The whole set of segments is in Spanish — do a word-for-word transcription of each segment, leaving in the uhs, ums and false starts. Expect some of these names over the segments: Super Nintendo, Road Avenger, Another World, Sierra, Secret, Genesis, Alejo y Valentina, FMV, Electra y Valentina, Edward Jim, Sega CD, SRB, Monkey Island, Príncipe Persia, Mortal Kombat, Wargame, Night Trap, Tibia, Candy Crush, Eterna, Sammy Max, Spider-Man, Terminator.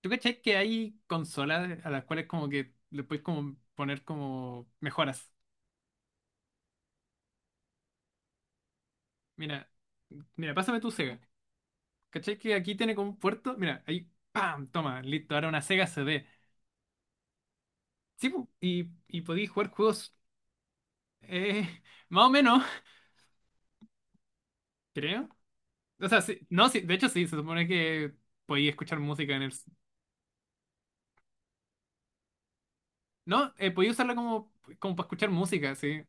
¿Tú cachai que hay consolas a las cuales como que le puedes como poner como mejoras? Mira, mira, pásame tu Sega. ¿Cachai que aquí tiene como un puerto? Mira, ahí, ¡pam! Toma, listo, ahora una Sega C D. Sí, pu, y, y podéis jugar juegos, eh, más o menos, creo. O sea, sí, no, sí, de hecho sí, se supone que podéis escuchar música en el. No, eh, podéis usarla como, como para escuchar música, sí.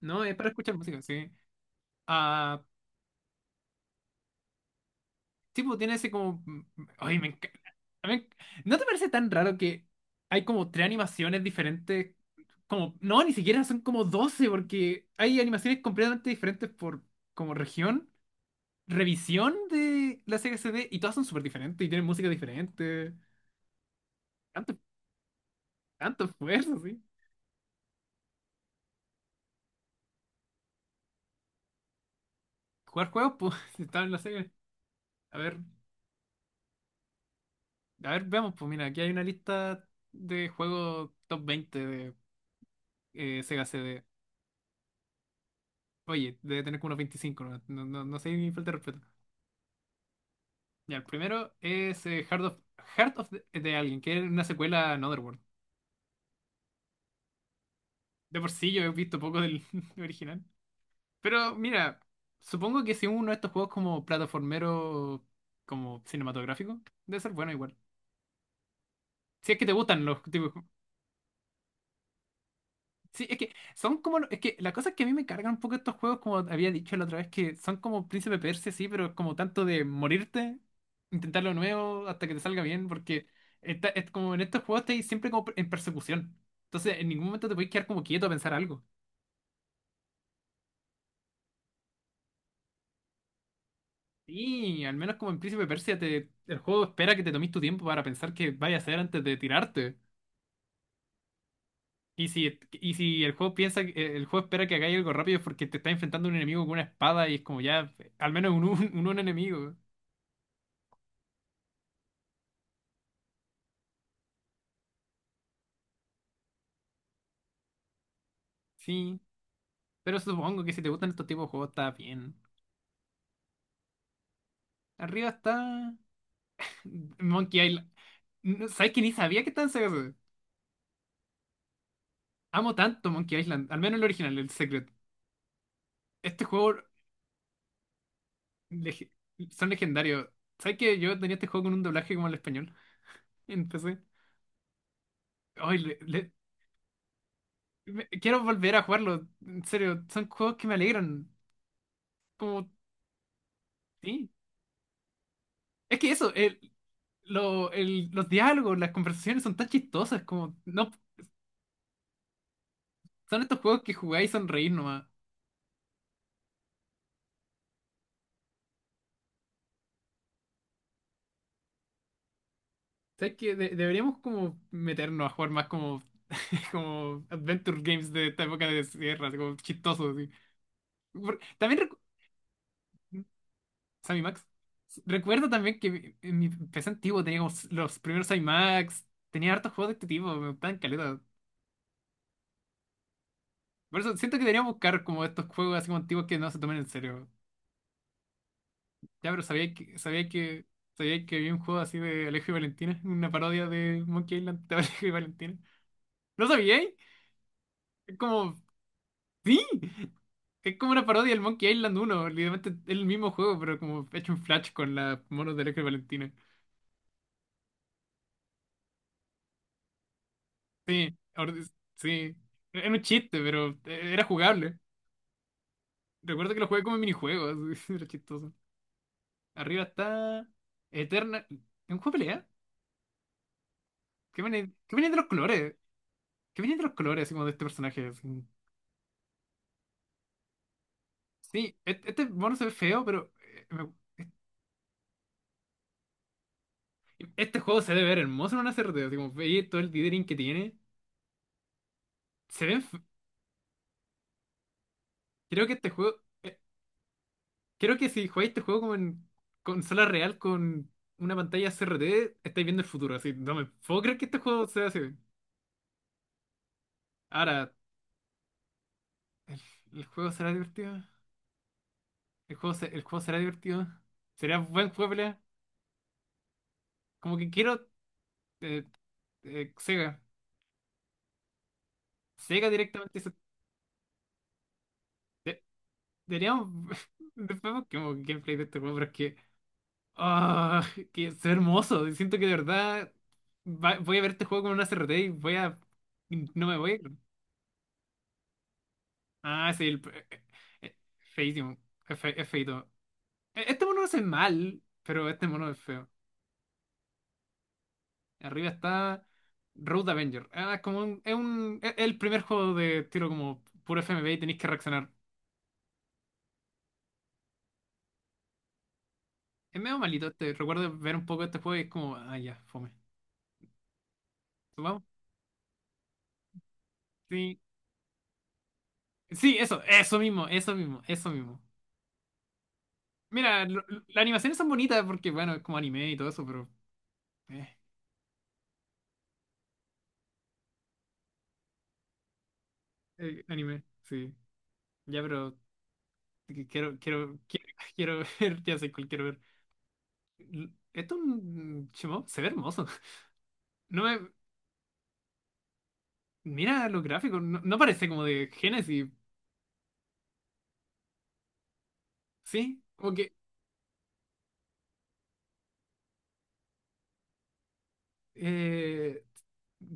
No, es para escuchar música, sí. Ah. Tipo, tiene ese como, mm, mm, ay, me encanta. a mí- ¿No te parece tan raro que hay como tres animaciones diferentes? Como. No, ni siquiera son como doce porque hay animaciones completamente diferentes por como región, revisión de la Sega C D, y todas son súper diferentes y tienen música diferente. Tanto, tanto esfuerzo, sí. Jugar juegos, pues, si estaba en la Sega. A ver, a ver, veamos, pues mira, aquí hay una lista de juegos top veinte de eh, Sega C D. Oye, debe tener como unos veinticinco. No, no, no, no sé, ni falta de respeto. Ya, el primero es eh, Heart of, Heart of the- de Alguien, que es una secuela a Another World. De por sí yo he visto poco del original. Pero mira, supongo que si uno de estos juegos como plataformero, como cinematográfico, debe ser bueno igual. Si es que te gustan los tipos. Sí, es que son como. Es que la cosa es que a mí me cargan un poco estos juegos, como había dicho la otra vez, que son como Príncipe Persia, sí, pero es como tanto de morirte, intentar lo nuevo hasta que te salga bien, porque está, es como en estos juegos estáis siempre como en persecución. Entonces, en ningún momento te podéis quedar como quieto a pensar algo. Y al menos como en Príncipe Persia, te, el juego espera que te tomes tu tiempo para pensar qué vaya a hacer antes de tirarte. Y si, y si el juego piensa, que- eh, el juego espera que hagáis algo rápido es porque te está enfrentando a un enemigo con una espada y es como ya, al menos un, un, un enemigo. Sí, pero supongo que si te gustan estos tipos de juegos está bien. Arriba está Monkey Island. No, ¿sabes que ni sabía que estaba en Sega C D? Amo tanto Monkey Island, al menos el original, el Secret. Este juego lege- son legendarios. ¿Sabes que yo tenía este juego con un doblaje como el español? Empecé. Ay, le- le- me- quiero volver a jugarlo. En serio, son juegos que me alegran. Como, sí. Es que eso, el, lo- el- los diálogos, las conversaciones son tan chistosas, como, no, son estos juegos que jugáis y sonreís nomás. ¿Sabes qué? De- deberíamos como meternos a jugar más como, como adventure games de esta época de sierra, así como chistosos. Así. Por- También, recu- Sammy Max. Recuerdo también que mi- en mi P C antiguo teníamos los primeros Sammy Max, tenía hartos juegos de este tipo, me gustaban caleta. Por eso siento que deberíamos buscar como estos juegos así como antiguos que no se tomen en serio. Ya, pero sabía que, sabía que, sabía que había un juego así de Alejo y Valentina, una parodia de Monkey Island de Alejo y Valentina. ¿No sabía? Es Como, sí. Es como una parodia del Monkey Island uno, literalmente es el mismo juego, pero como hecho en Flash con las monos de Electra y Valentina. Sí, ahora es- sí. Era un chiste, pero eh, era jugable. Recuerdo que lo jugué como minijuego, así, era chistoso. Arriba está Eterna. ¿Es un juego de pelea? ¿Qué viene, qué viene de los colores? ¿Qué viene de los colores, así como de este personaje, así? Sí, et- este mono se ve feo, pero eh, me- este juego se debe ver hermoso en una C R T, así como veis todo el dithering que tiene. Se ve. Creo que este juego. Creo que si jugáis este juego como en consola real con una pantalla C R T, estáis viendo el futuro. Así, no me puedo creer que este juego sea así. Ahora, ¿el, el juego será divertido? ¿El juego, se- el juego será divertido? ¿Será buen juego de pelea? Como que quiero eh, eh, Sega. Sega directamente. hizo- de- Deberíamos. Después busquemos gameplay de este juego, pero es que. Ah, que es hermoso. Siento que de verdad va- voy a ver este juego con una C R T y voy a. No me voy a. Ah, sí, el, eh, eh, eh, feísimo. Es, fe- es feíto. E- Este mono no hace mal, pero este mono es feo. Arriba está Road Avenger. Ah, es como un, es un, es el primer juego de tiro como puro F M V y tenéis que reaccionar. Es medio malito este. Recuerdo ver un poco este juego y es como, ah, ya, fome. ¿Vamos? Sí. Sí, eso, eso mismo, eso mismo, eso mismo. Mira, lo- lo- las animaciones son bonitas porque, bueno, es como anime y todo eso, pero. eh, eh, Anime, sí. Ya, pero. Que Quiero, quiero, quiero, quiero ver, ya sé cuál quiero ver. L- Esto es un shmup, se ve hermoso. No me, Mira los gráficos, no, no parece como de Genesis, ¿sí? Como que, eh,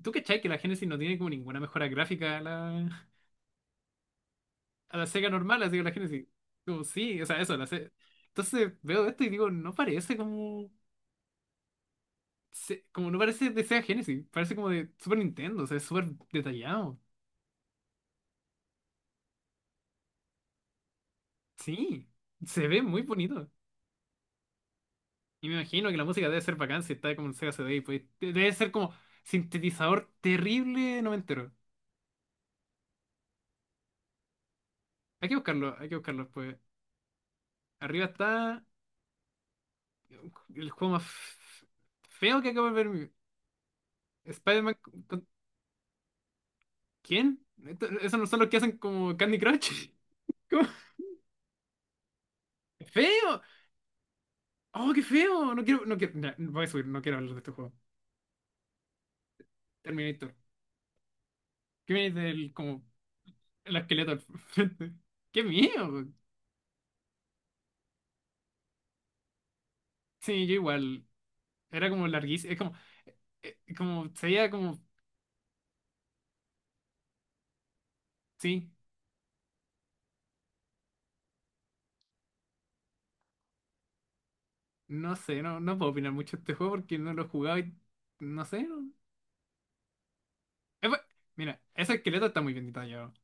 ¿tú cachai que la Genesis no tiene como ninguna mejora gráfica a la, a la, Sega normal, así que la Genesis? Como sí, o sea, eso, la Se- entonces veo esto y digo, no parece como, se- como no parece de Sega Genesis, parece como de Super Nintendo, o sea, es súper detallado. Sí, se ve muy bonito. Y me imagino que la música debe ser bacán si está como en Sega C D. Pues, de- debe ser como sintetizador terrible noventero. Hay que buscarlo, hay que buscarlo pues. Arriba está el juego más f- feo que acabo de ver. mi- Spider-Man. con- con- ¿Quién? Esto- ¿Esos no son los que hacen como Candy Crush? ¿Cómo? ¡Feo! ¡Oh, qué feo! No quiero, no quiero. Ya, voy a subir, no quiero hablar de este juego. Terminator. ¿Qué me dice del como el esqueleto al frente? ¡Qué miedo! Sí, yo igual. Era como larguísimo. Es como. Eh, como se veía como. Sí, no sé, no, no puedo opinar mucho de este juego porque no lo he jugado y no sé. no- Es bu- Mira, ese esqueleto está muy bien detallado.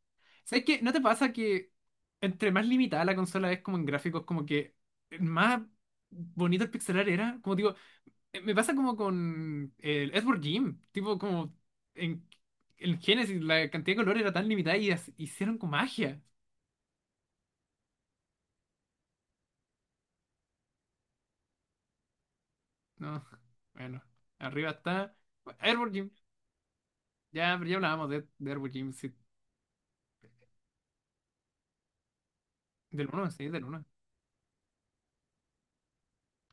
¿Sabes qué? ¿No te pasa que entre más limitada la consola es como en gráficos, como que más bonito el pixelar era? Como digo, eh, me pasa como con el Edward Jim, tipo como en el Genesis la cantidad de color era tan limitada y as- hicieron con magia. No, bueno, arriba está Edward Jim. Ya, pero ya hablábamos de, de Edward Jim, sí, del uno sí, del uno.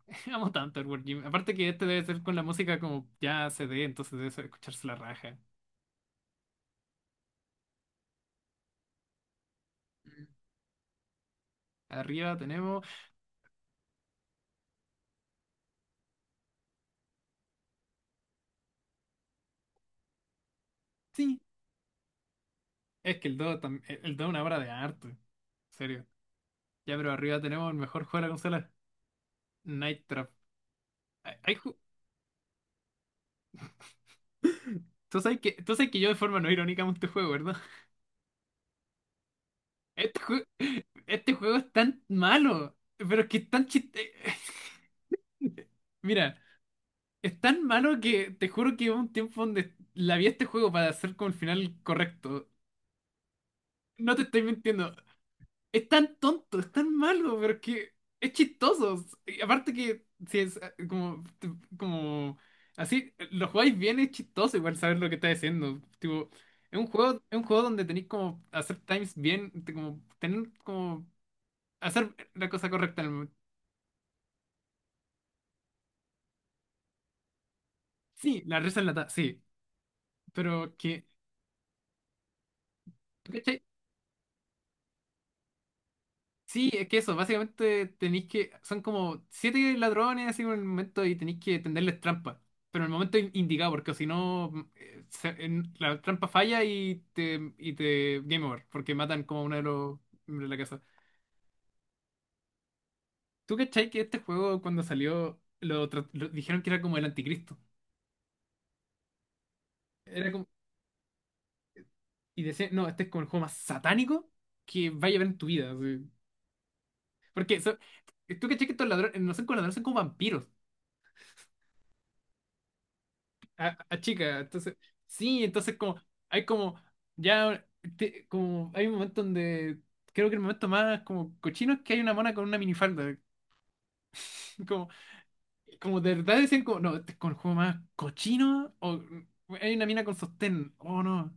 Amo tanto el Wargame. Aparte que este debe ser con la música como ya C D, entonces debe ser escucharse la raja. Arriba tenemos. Sí, es que el 2 tam- eh, el 2 es una obra de arte. En serio. Ya, pero arriba tenemos el mejor juego de la consola, Night Trap. Hay- hay ju- Tú sabes que, tú sabes que yo de forma no irónica amo este juego, ¿verdad? Este, jue- este juego es tan malo, pero es que es tan chiste. Mira, es tan malo que te juro que hubo un tiempo donde la vi a este juego para hacer como el final correcto. No te estoy mintiendo. Es tan tonto, es tan malo, pero es que es chistoso. Y aparte que si es eh, como, te- como así, eh, lo jugáis bien, es chistoso igual saber lo que está haciendo. Tipo, es un juego, es un juego donde tenéis como hacer times bien, te- como tener como hacer la cosa correcta en el momento. Sí, la risa enlatada, sí. Pero que, sí, es que eso, básicamente tenéis que. Son como siete ladrones así en el momento y tenéis que tenderles trampa. Pero en el momento in- indicado, porque si no, mm, eh, se- en- la trampa falla y te, y te. Game over, porque matan como a uno de los miembros de la casa. ¿Tú cachai que este juego cuando salió lo, tra- lo- dijeron que era como el anticristo? Era como. Y decían, no, este es como el juego más satánico que vaya a ver en tu vida. Así. Porque so- tú cachai que estos ladrones no son como ladrones, son como vampiros. a, a chica. Entonces, sí, entonces como hay como ya te- como hay un momento donde creo que el momento más como cochino es que hay una mona con una minifalda. Como, como de verdad decían como, no, este es como el juego más cochino o mm, hay una mina con sostén. Oh, no.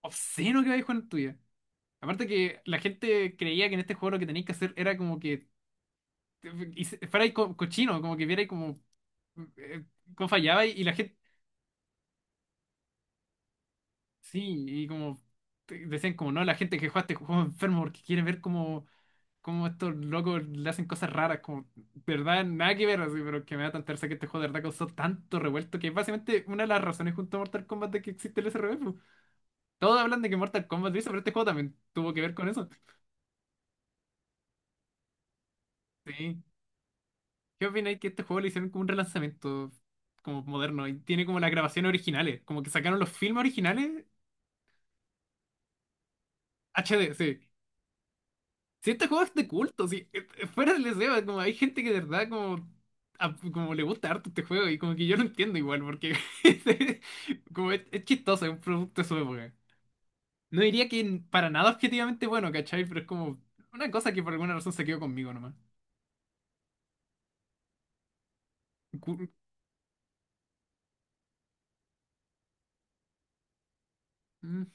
Obsceno que vais con tuya. Aparte que la gente creía que en este juego lo que tenéis que hacer era como que eh, y se- fuerais co- cochino, como que vierais como eh, cómo fallaba y, y la gente. Sí, y como te- decían como no, la gente que juega este juego es enfermo porque quiere ver cómo, cómo estos locos le hacen cosas raras, como de verdad, nada que ver así, pero que me da tanta risa que este juego de verdad causó tanto revuelto que es básicamente una de las razones junto a Mortal Kombat de que existe el S R B, po. Todos hablan de que Mortal Kombat lo hizo, pero este juego también tuvo que ver con eso. Sí. ¿Qué opináis que este juego le hicieron como un relanzamiento como moderno y tiene como las grabaciones originales? Como que sacaron los filmes originales H D, sí. Si este juego es de culto, si eh, eh, fuera del deseo, como hay gente que de verdad como, a- como le gusta harto este juego y como que yo lo entiendo igual, porque como es, es chistoso, es un producto de su época. No diría que n- para nada objetivamente bueno, ¿cachai? Pero es como una cosa que por alguna razón se quedó conmigo nomás. Cu- mm,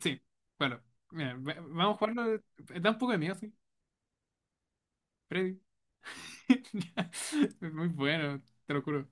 Sí, bueno, mira, va- vamos a jugarlo. eh, Da un poco de miedo, sí, Freddy. Es muy bueno, te lo juro.